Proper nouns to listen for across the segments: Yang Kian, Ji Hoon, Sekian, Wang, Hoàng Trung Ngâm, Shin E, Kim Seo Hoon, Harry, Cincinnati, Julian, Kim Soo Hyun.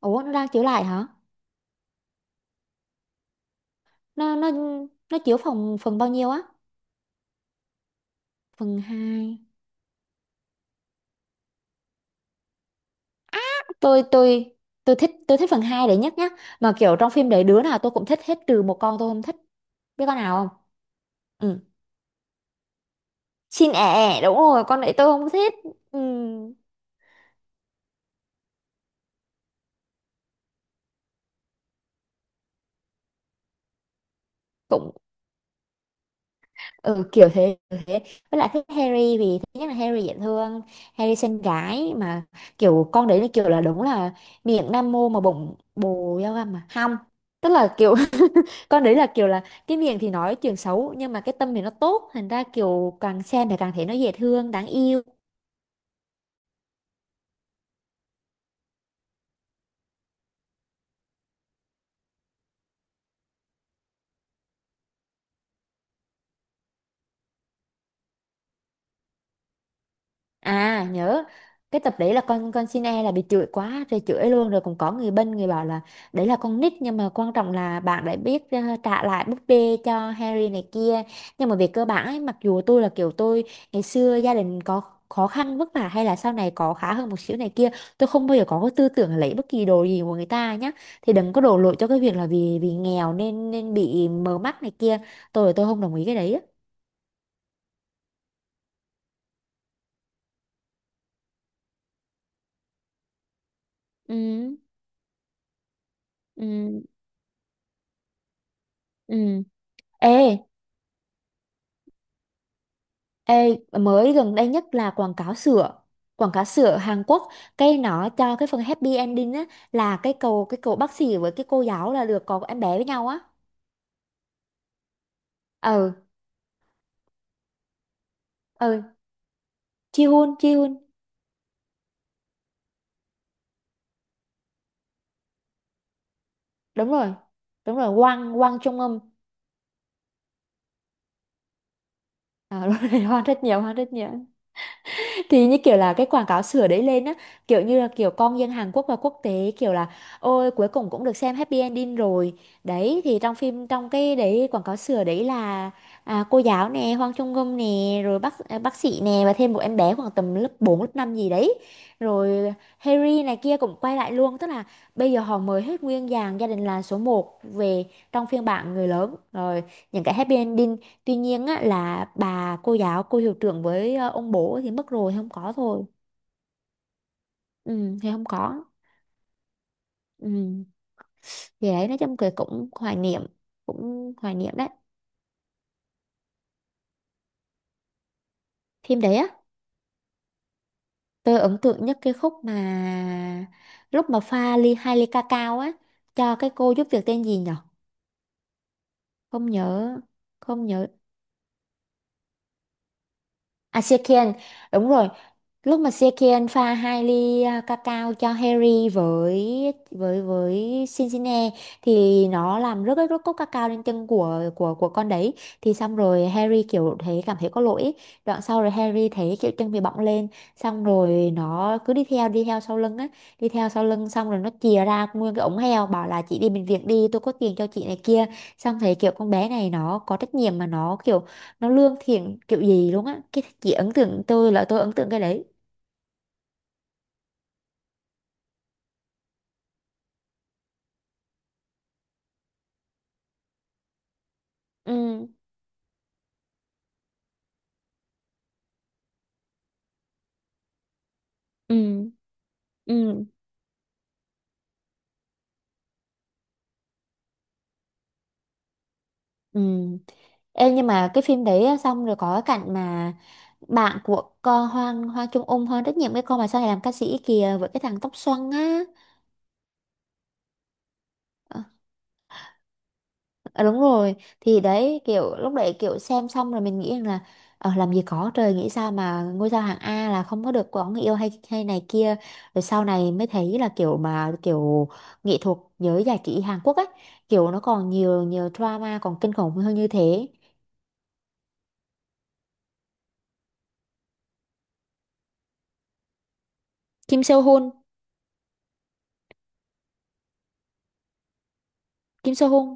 Ủa nó đang chiếu lại hả? Nó nó nó chiếu phòng phần bao nhiêu á? Phần 2. Tôi tôi tôi thích phần 2 đấy nhất nhá. Mà kiểu trong phim đấy đứa nào tôi cũng thích hết trừ một con tôi không thích. Biết con nào không? Ừ. Xin ẻ ẻ, đúng rồi, con đấy tôi không thích. Ừ. Cũng ừ, kiểu thế, kiểu thế. Với lại thích Harry vì thứ nhất là Harry dễ thương, Harry xinh gái mà kiểu con đấy là kiểu là đúng là miệng nam mô mà bụng bồ dao găm mà. Không. Tức là kiểu con đấy là kiểu là cái miệng thì nói chuyện xấu nhưng mà cái tâm thì nó tốt thành ra kiểu càng xem thì càng thấy nó dễ thương đáng yêu. À nhớ cái tập đấy là con xin e là bị chửi quá rồi chửi luôn rồi cũng có người bên người bảo là đấy là con nít nhưng mà quan trọng là bạn đã biết, trả lại búp bê cho Harry này kia, nhưng mà về cơ bản ấy, mặc dù tôi là kiểu tôi ngày xưa gia đình có khó khăn vất vả hay là sau này có khá hơn một xíu này kia, tôi không bao giờ có cái tư tưởng là lấy bất kỳ đồ gì của người ta nhá, thì đừng có đổ lỗi cho cái việc là vì vì nghèo nên nên bị mờ mắt này kia. Tôi không đồng ý cái đấy á. Ừ, ừ, ừ. Ê. Ê, mới gần đây nhất là quảng cáo sữa, quảng cáo sữa Hàn Quốc cái nó cho cái phần happy ending á là cái cậu bác sĩ với cái cô giáo là được có em bé với nhau á. Ừ, ừ. Ji Hoon. Ji Hoon đúng rồi, đúng rồi Wang Wang Trung Âm. À, đúng rồi Hoan rất nhiều, Hoan rất nhiều. Thì như kiểu là cái quảng cáo sửa đấy lên á, kiểu như là kiểu con dân Hàn Quốc và quốc tế kiểu là ôi cuối cùng cũng được xem happy ending rồi. Đấy thì trong phim, trong cái đấy quảng cáo sửa đấy là cô giáo nè, Hoàng Trung Ngâm nè, rồi bác sĩ nè, và thêm một em bé khoảng tầm lớp 4 lớp 5 gì đấy, rồi Harry này kia cũng quay lại luôn, tức là bây giờ họ mời hết nguyên dàn gia đình là số một về trong phiên bản người lớn rồi, những cái happy ending. Tuy nhiên á, là bà cô giáo, cô hiệu trưởng với ông bố thì mất rồi, thì không có thôi. Ừ, thì không có. Ừ. Thì đấy, nói chung cái cũng hoài niệm đấy. Phim đấy á, tôi ấn tượng nhất cái khúc mà lúc mà pha ly hai ly ca cao á, cho cái cô giúp việc tên gì nhở. Không nhớ, không nhớ. À Sekian, đúng rồi. Lúc mà Sekian pha hai ly cacao cho Harry với Cincinnati thì nó làm rớt rớt cốc cacao lên chân của con đấy. Thì xong rồi Harry kiểu thấy, cảm thấy có lỗi ấy. Đoạn sau rồi Harry thấy kiểu chân bị bọng lên, xong rồi nó cứ đi theo sau lưng á, đi theo sau lưng xong rồi nó chìa ra nguyên cái ống heo bảo là chị đi bệnh viện đi, tôi có tiền cho chị này kia. Xong thấy kiểu con bé này nó có trách nhiệm mà nó kiểu nó lương thiện kiểu gì luôn á, cái chị ấn tượng, tôi là tôi ấn tượng cái đấy. Ừ, ừ, ừ, ừ. Em, nhưng mà cái phim đấy á, xong rồi có cái cảnh mà bạn của con Hoang Hoa Trung Ung Hoang rất nhiều, cái con mà sau này làm ca sĩ kìa với cái thằng tóc xoăn á. Ờ. À, đúng rồi. Thì đấy kiểu lúc đấy kiểu xem xong rồi mình nghĩ rằng là làm gì có trời, nghĩ sao mà ngôi sao hạng A là không có được có người yêu hay hay này kia, rồi sau này mới thấy là kiểu mà kiểu nghệ thuật giới giải trí Hàn Quốc ấy kiểu nó còn nhiều nhiều drama còn kinh khủng hơn như thế. Kim Seo Hoon. Kim Seo Hoon.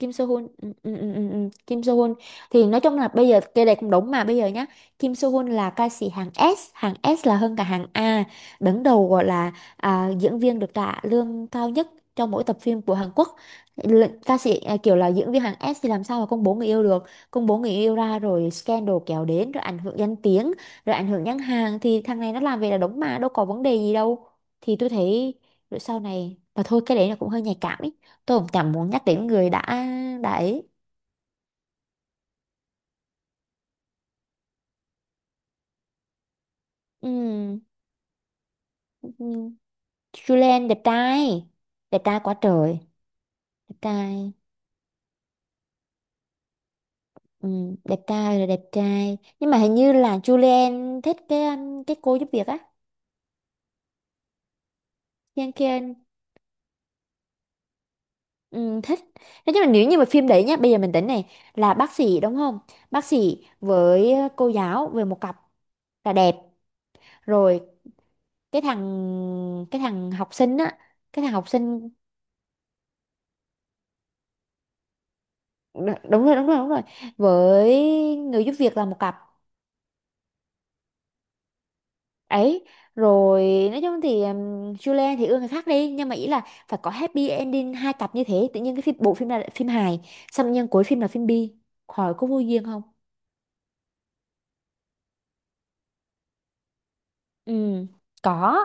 Kim Soo Hyun, ừ, ừ, ừ, ừ, ừ. Kim Soo Hyun thì nói chung là bây giờ cái này cũng đúng mà bây giờ nhá. Kim Soo Hyun là ca sĩ hàng S, hàng S là hơn cả hàng A, đứng đầu gọi là, à, diễn viên được trả lương cao nhất trong mỗi tập phim của Hàn Quốc. Ca sĩ à, kiểu là diễn viên hàng S thì làm sao mà công bố người yêu được, công bố người yêu ra rồi scandal kéo đến rồi ảnh hưởng danh tiếng rồi ảnh hưởng nhãn hàng, thì thằng này nó làm về là đúng mà đâu có vấn đề gì đâu, thì tôi thấy. Rồi sau này mà thôi, cái đấy là cũng hơi nhạy cảm ý, tôi cũng chẳng muốn nhắc đến người đã ấy. Ừ. Ừ. Julian đẹp trai, đẹp trai quá trời, đẹp trai. Ừ. Đẹp trai là đẹp trai nhưng mà hình như là Julian thích cái cô giúp việc á, Yang Kian. Ừ, thích. Thế nhưng mà nếu như mà phim đấy nhá bây giờ mình tính này là bác sĩ đúng không, bác sĩ với cô giáo về một cặp là đẹp rồi. Cái thằng cái thằng học sinh á, cái thằng học sinh. Đúng rồi, đúng rồi, đúng rồi, với người giúp việc là một cặp ấy rồi. Nói chung thì, Julian thì ưa người khác đi nhưng mà ý là phải có happy ending hai cặp như thế, tự nhiên cái phim, bộ phim này là phim hài xong nhân cuối phim là phim bi, hỏi có vô duyên không. Ừ, có.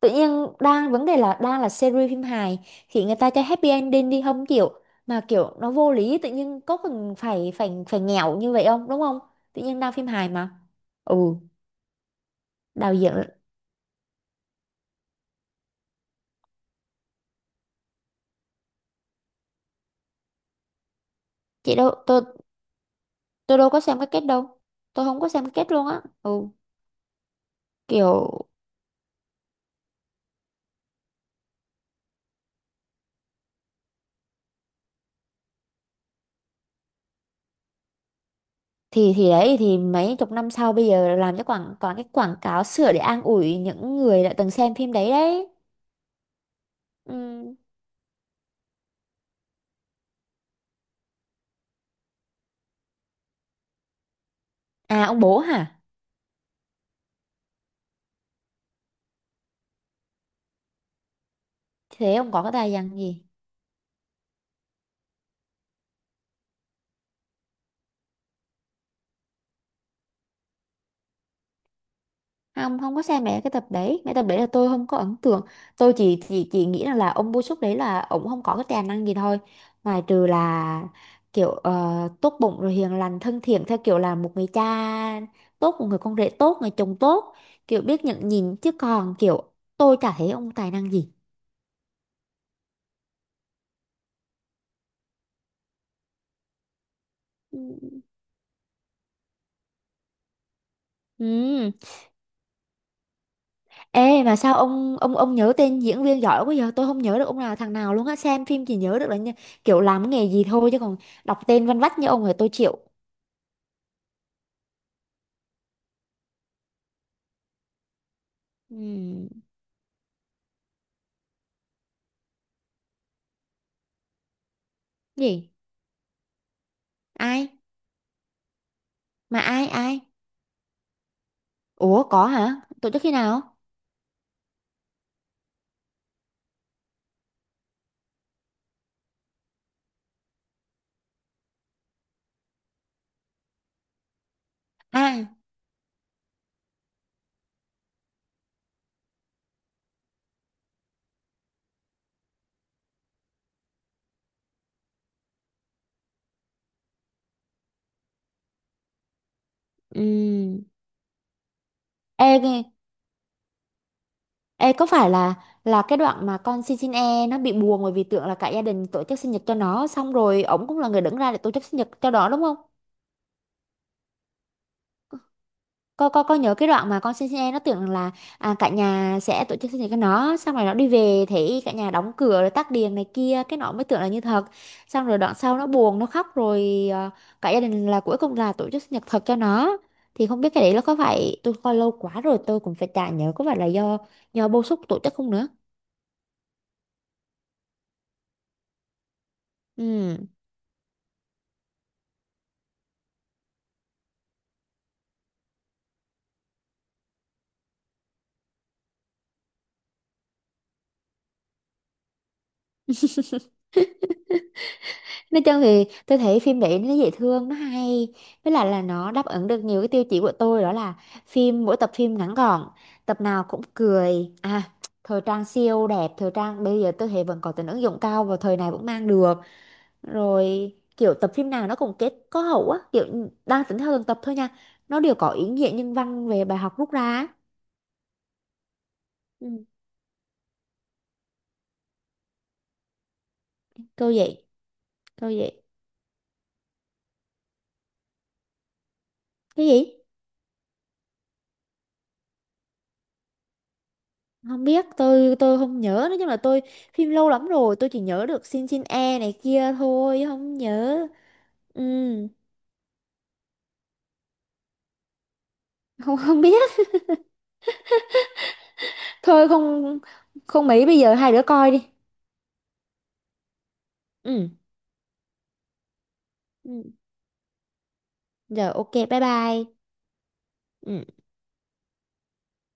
Tự nhiên đang vấn đề là đang là series phim hài thì người ta cho happy ending đi không chịu mà kiểu nó vô lý, tự nhiên có cần phải phải phải nghèo như vậy không đúng không, tự nhiên đang phim hài mà. Ừ. Đạo diễn. Chị đâu, tôi đâu có xem cái kết đâu, tôi không có xem cái kết luôn á. Ừ. Kiểu thì đấy thì mấy chục năm sau bây giờ làm cho quảng toàn cái quảng cáo sửa để an ủi những người đã từng xem phim đấy đấy. Ừ. À ông bố hả? Thế ông có cái tài năng gì? Không, không có xem mẹ cái tập đấy, mẹ tập đấy là tôi không có ấn tượng. Tôi chỉ nghĩ rằng là ông Bô Súc đấy là ông không có cái tài năng gì thôi, ngoài trừ là kiểu tốt bụng rồi hiền lành thân thiện theo kiểu là một người cha tốt, một người con rể tốt, người chồng tốt, kiểu biết nhận nhìn chứ còn kiểu tôi chả thấy ông tài năng gì. Ừ. Ừ. Ê mà sao ông nhớ tên diễn viên giỏi quá, giờ tôi không nhớ được ông nào thằng nào luôn á, xem phim chỉ nhớ được là như, kiểu làm cái nghề gì thôi, chứ còn đọc tên văn vách như ông rồi tôi chịu. Ừm. Gì? Ai? Mà ai ai? Ủa có hả? Tổ chức khi nào? À. Ừm. Ê, ghê. Ê có phải là cái đoạn mà con xin, xin e nó bị buồn bởi vì tưởng là cả gia đình tổ chức sinh nhật cho nó xong rồi ổng cũng là người đứng ra để tổ chức sinh nhật cho nó đúng không? Con nhớ cái đoạn mà con xin, xin em nó tưởng là cả nhà sẽ tổ chức sinh nhật cho nó, xong rồi nó đi về thấy cả nhà đóng cửa rồi tắt đèn này kia cái nó mới tưởng là như thật. Xong rồi đoạn sau nó buồn, nó khóc rồi, cả gia đình là cuối cùng là tổ chức sinh nhật thật cho nó. Thì không biết cái đấy nó có phải, tôi coi lâu quá rồi tôi cũng phải chả nhớ có phải là do bô xúc tổ chức không nữa. Ừ. Nói chung thì tôi thấy phim đấy nó dễ thương, nó hay, với lại là nó đáp ứng được nhiều cái tiêu chí của tôi, đó là phim mỗi tập phim ngắn gọn, tập nào cũng cười à, thời trang siêu đẹp, thời trang bây giờ tôi thấy vẫn có tính ứng dụng cao và thời này vẫn mang được, rồi kiểu tập phim nào nó cũng kết có hậu á kiểu đang tính theo từng tập thôi nha, nó đều có ý nghĩa nhân văn về bài học rút ra á. Ừ. Câu vậy? Câu vậy? Cái gì? Không biết, tôi không nhớ, nói chung là tôi phim lâu lắm rồi, tôi chỉ nhớ được Shin, Shin E này kia thôi không nhớ. Ừ. Không, không biết. Thôi không, không mấy bây giờ hai đứa coi đi. Ừ. Ừ. Giờ ok bye bye. Ừ.